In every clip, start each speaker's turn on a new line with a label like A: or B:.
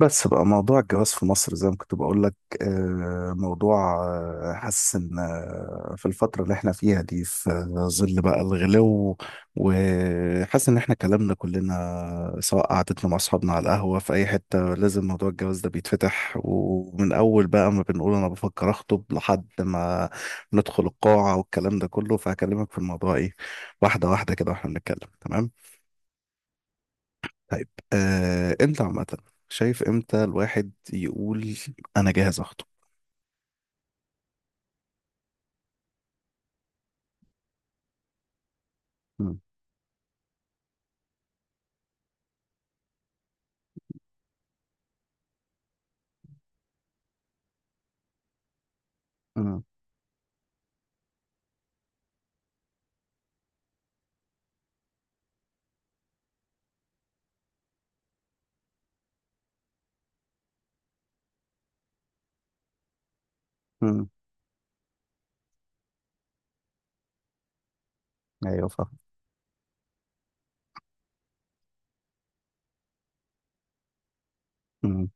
A: بس بقى موضوع الجواز في مصر زي ما كنت بقول لك. موضوع، حاسس ان في الفترة اللي احنا فيها دي في ظل بقى الغلو. وحاسس ان احنا كلامنا كلنا سواء قعدتنا مع اصحابنا على القهوة في اي حتة لازم موضوع الجواز ده بيتفتح، ومن اول بقى ما بنقول انا بفكر اخطب لحد ما ندخل القاعة والكلام ده كله. فهكلمك في الموضوع ايه، واحدة واحدة كده واحنا بنتكلم. تمام. طيب، امتى عامة شايف امتى الواحد يقول انا جاهز اخطب؟ مم، مم، مم. ايوه فاهم. مم،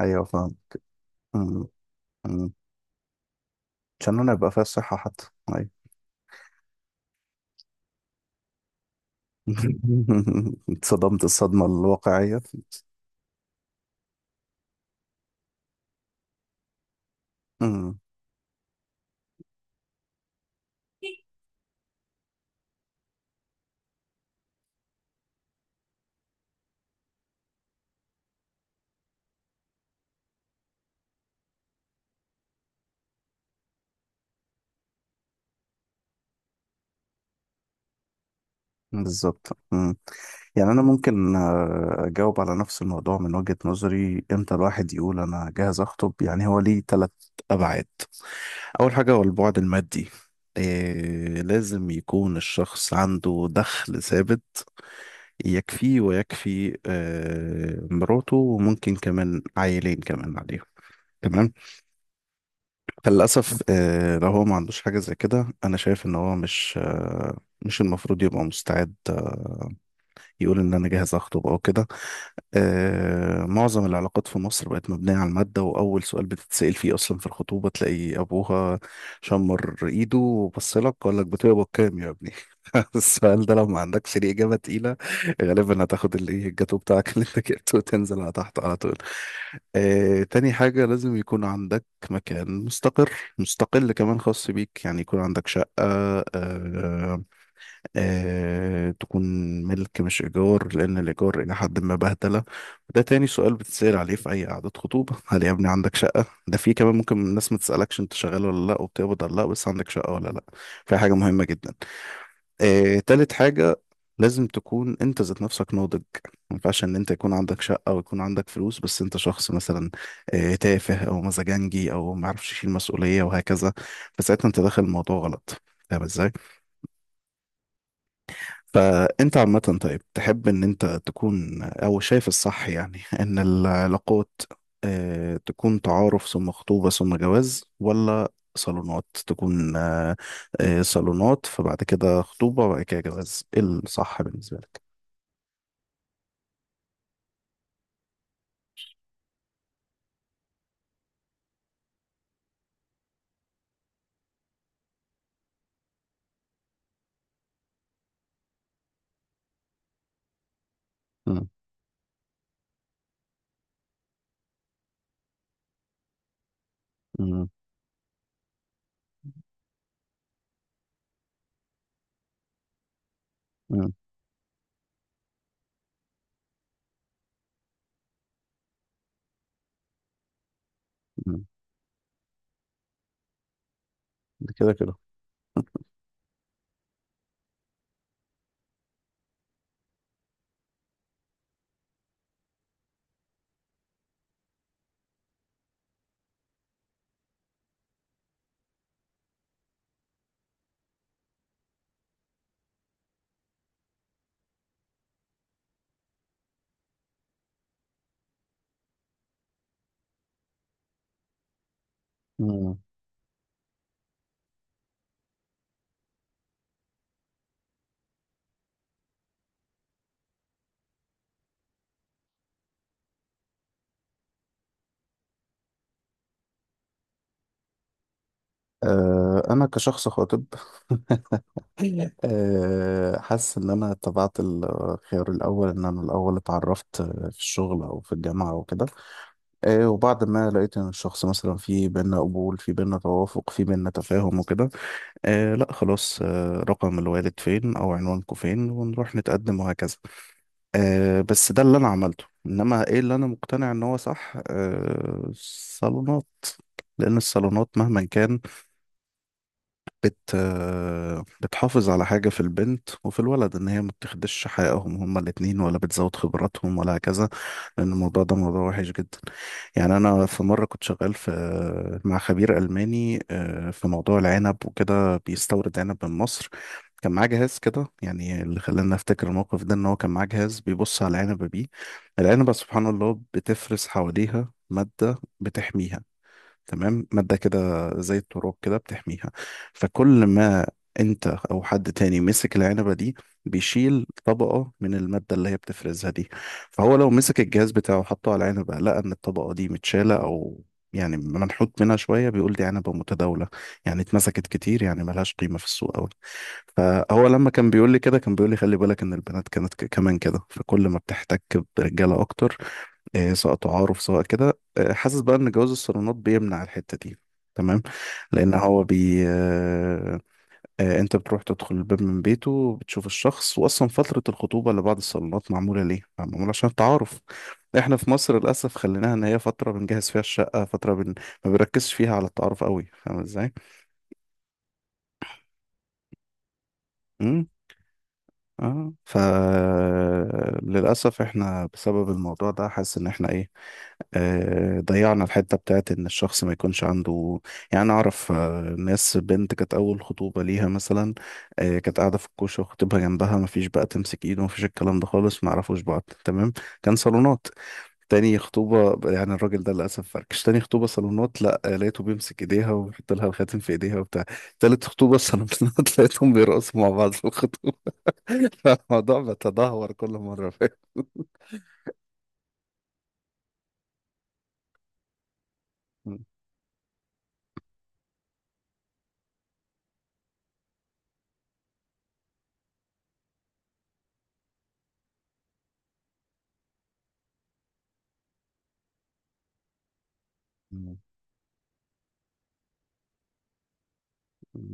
A: ايوه فاهم. مم، مم. عشان انا يبقى فيها الصحة حتى. ايوه. اتصدمت الصدمة الواقعية. مم، بالظبط. مم. يعني انا ممكن اجاوب على نفس الموضوع من وجهة نظري. امتى الواحد يقول انا جاهز اخطب؟ يعني هو ليه ثلاث ابعاد. أول حاجة هو البعد المادي. إيه، لازم يكون الشخص عنده دخل ثابت يكفيه ويكفي مراته وممكن كمان عيلين كمان عليهم. تمام. فللأسف لو هو ما عندوش حاجة زي كده أنا شايف إن هو مش مش المفروض يبقى مستعد يقول إن أنا جاهز أخطب أو كده. معظم العلاقات في مصر بقت مبنية على المادة، وأول سؤال بتتسأل فيه أصلا في الخطوبة تلاقي أبوها شمر إيده وبصلك وقال لك بتقبض كام يا ابني. السؤال ده لو ما عندكش ليه إجابة تقيلة غالبا هتاخد الإيه الجاتو بتاعك اللي أنت جبته وتنزل على تحت على طول. تاني حاجة لازم يكون عندك مكان مستقر مستقل كمان خاص بيك. يعني يكون عندك شقة، تكون ملك مش إيجار لأن الإيجار إلى حد ما بهدلة. وده تاني سؤال بتسأل عليه في أي قعدة خطوبة. هل يا ابني عندك شقة؟ ده في كمان ممكن الناس ما تسألكش أنت شغال ولا لأ وبتقبض ولا لأ بس عندك شقة ولا لأ. فهي حاجة مهمة جدا. تالت حاجة لازم تكون أنت ذات نفسك ناضج. ما ينفعش إن أنت يكون عندك شقة ويكون عندك فلوس بس أنت شخص مثلا تافه أو مزاجنجي أو ما يعرفش يشيل مسؤولية وهكذا. فساعتها أنت داخل الموضوع غلط. فاهم إزاي؟ فانت عامة طيب، تحب ان انت تكون او شايف الصح يعني ان العلاقات تكون تعارف ثم خطوبة ثم جواز، ولا صالونات تكون صالونات فبعد كده خطوبة وبعد كده جواز؟ ايه الصح بالنسبة لك؟ مم، مم، مم، مم. ده كده كده. مم. أنا كشخص خاطب. حاسس إن أنا اتبعت الخيار الأول. إن أنا الأول اتعرفت في الشغل أو في الجامعة أو كده، إيه، وبعد ما لقيت ان الشخص مثلا في بينا قبول في بينا توافق في بينا تفاهم وكده لا خلاص، رقم الوالد فين او عنوانكم فين ونروح نتقدم وهكذا. بس ده اللي انا عملته. انما ايه اللي انا مقتنع ان هو صح؟ الصالونات. لان الصالونات مهما كان بت آه بتحافظ على حاجة في البنت وفي الولد. ان هي ما بتاخدش حقهم هما الاتنين ولا بتزود خبراتهم ولا هكذا. لأن الموضوع ده موضوع وحش جدا. يعني أنا في مرة كنت شغال في مع خبير ألماني في موضوع العنب وكده، بيستورد عنب من مصر. كان معاه جهاز كده. يعني اللي خلاني أفتكر الموقف ده إن هو كان معاه جهاز بيبص على العنبة بيه. العنبة سبحان الله بتفرز حواليها مادة بتحميها. تمام. مادة كده زي التراب كده بتحميها. فكل ما انت او حد تاني مسك العنبة دي بيشيل طبقة من المادة اللي هي بتفرزها دي. فهو لو مسك الجهاز بتاعه وحطه على العنبة لقى ان الطبقة دي متشالة او يعني منحوت منها شوية بيقول دي عنبة متداولة. يعني اتمسكت كتير، يعني ملهاش قيمة في السوق أوي. فهو لما كان بيقول لي كده كان بيقول لي خلي بالك ان البنات كانت كمان كده. فكل ما بتحتك برجاله اكتر سواء تعارف سواء كده حاسس بقى ان جواز الصالونات بيمنع الحتة دي. تمام. لان هو بي آه، آه، انت بتروح تدخل الباب من بيته بتشوف الشخص. واصلا فترة الخطوبة اللي بعد الصالونات معمولة ليه؟ معمولة عشان التعارف. احنا في مصر للاسف خليناها ان هي فترة بنجهز فيها الشقة، فترة ما بنركزش فيها على التعارف قوي. فاهم ازاي؟ امم اه فللاسف احنا بسبب الموضوع ده حاسس ان احنا ايه ضيعنا الحتة بتاعت إن الشخص ما يكونش عنده. يعني أنا أعرف ناس، بنت كانت أول خطوبة ليها مثلا كانت قاعدة في الكوشة وخطيبها جنبها ما فيش بقى تمسك إيده ما فيش الكلام ده خالص. ما يعرفوش بعض. تمام. كان صالونات. تاني خطوبة يعني الراجل ده للأسف فركش. تاني خطوبة صالونات، لا، لقيته بيمسك إيديها ويحط لها الخاتم في إيديها وبتاع. تالت خطوبة صالونات لقيتهم بيرقصوا مع بعض في الخطوبة. فالموضوع بيتدهور كل مرة. فاهم.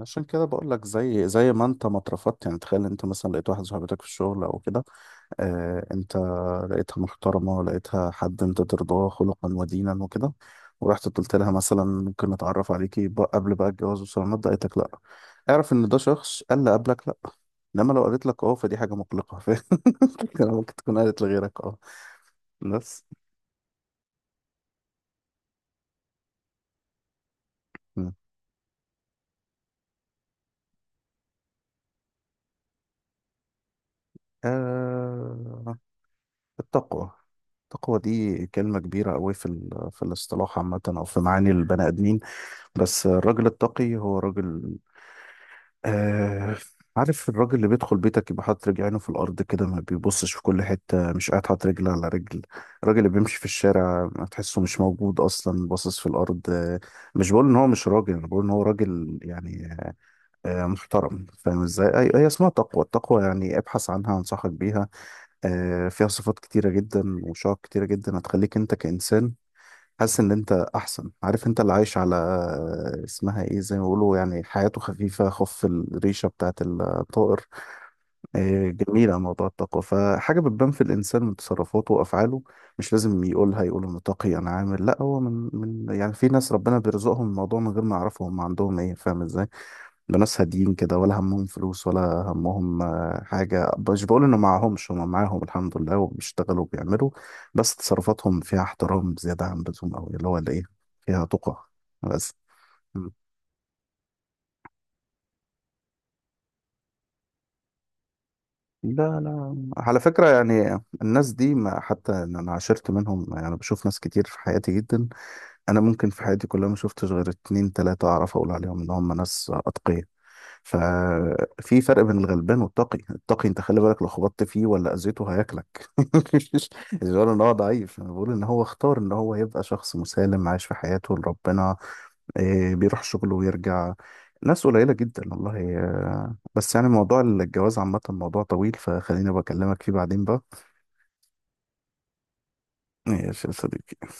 A: عشان كده بقول لك زي ما انت ما اترفضت. يعني تخيل انت مثلا لقيت واحده صاحبتك في الشغل او كده، اه، انت لقيتها محترمه، لقيتها حد انت ترضاه خلقا ودينا وكده، ورحت قلت لها مثلا ممكن نتعرف عليكي بقى قبل بقى الجواز والصالونات، قالت لك لا، اعرف ان ده شخص قال لا قبلك. لا. انما لو قالت لك اه، فدي حاجه مقلقه. فاهم. ممكن تكون قالت لغيرك اه. بس آه التقوى. التقوى دي كلمة كبيرة أوي في في الاصطلاح عامة أو في معاني البني آدمين. بس الراجل التقي هو راجل آه عارف، الراجل اللي بيدخل بيتك يبقى حاطط رجلينه في الأرض كده ما بيبصش في كل حتة، مش قاعد حاطط رجل على رجل. الراجل اللي بيمشي في الشارع ما تحسه مش موجود أصلا باصص في الأرض مش بقول إن هو مش راجل، أنا بقول إن هو راجل يعني محترم. فاهم إزاي؟ هي اسمها تقوى. التقوى يعني ابحث عنها، أنصحك بيها. فيها صفات كتيرة جدا وشعب كتيرة جدا هتخليك انت كإنسان حاسس ان انت احسن. عارف انت اللي عايش على اسمها ايه زي ما بيقولوا يعني حياته خفيفة خف الريشة بتاعت الطائر جميلة. موضوع التقوى فحاجة بتبان في الانسان من تصرفاته وافعاله. مش لازم يقولها يقول انه تقي انا عامل، لا، هو من، يعني في ناس ربنا بيرزقهم الموضوع من غير ما يعرفوا هم عندهم ايه. فاهم ازاي؟ بناس هاديين كده ولا همهم فلوس ولا همهم حاجة. مش بقول إنه معهمش، هما معاهم الحمد لله وبيشتغلوا وبيعملوا، بس تصرفاتهم فيها احترام زيادة عن اللزوم أوي اللي هو الإيه، فيها تقى. بس. مم. لا لا، على فكرة يعني الناس دي ما حتى إن أنا عاشرت منهم. يعني أنا بشوف ناس كتير في حياتي جدا. أنا ممكن في حياتي كلها ما شفتش غير اتنين تلاتة أعرف أقول عليهم إن هم ناس أتقياء. ففي فرق بين الغلبان والتقي. التقي انت خلي بالك لو خبطت فيه ولا اذيته هياكلك. مش بقول ان هو ضعيف، انا بقول ان هو اختار ان هو يبقى شخص مسالم عايش في حياته لربنا. إيه، بيروح شغله ويرجع. ناس قليلة جدا والله. بس يعني موضوع الجواز عامة موضوع طويل، فخليني بكلمك فيه بعدين بقى. ماشي يا صديقي.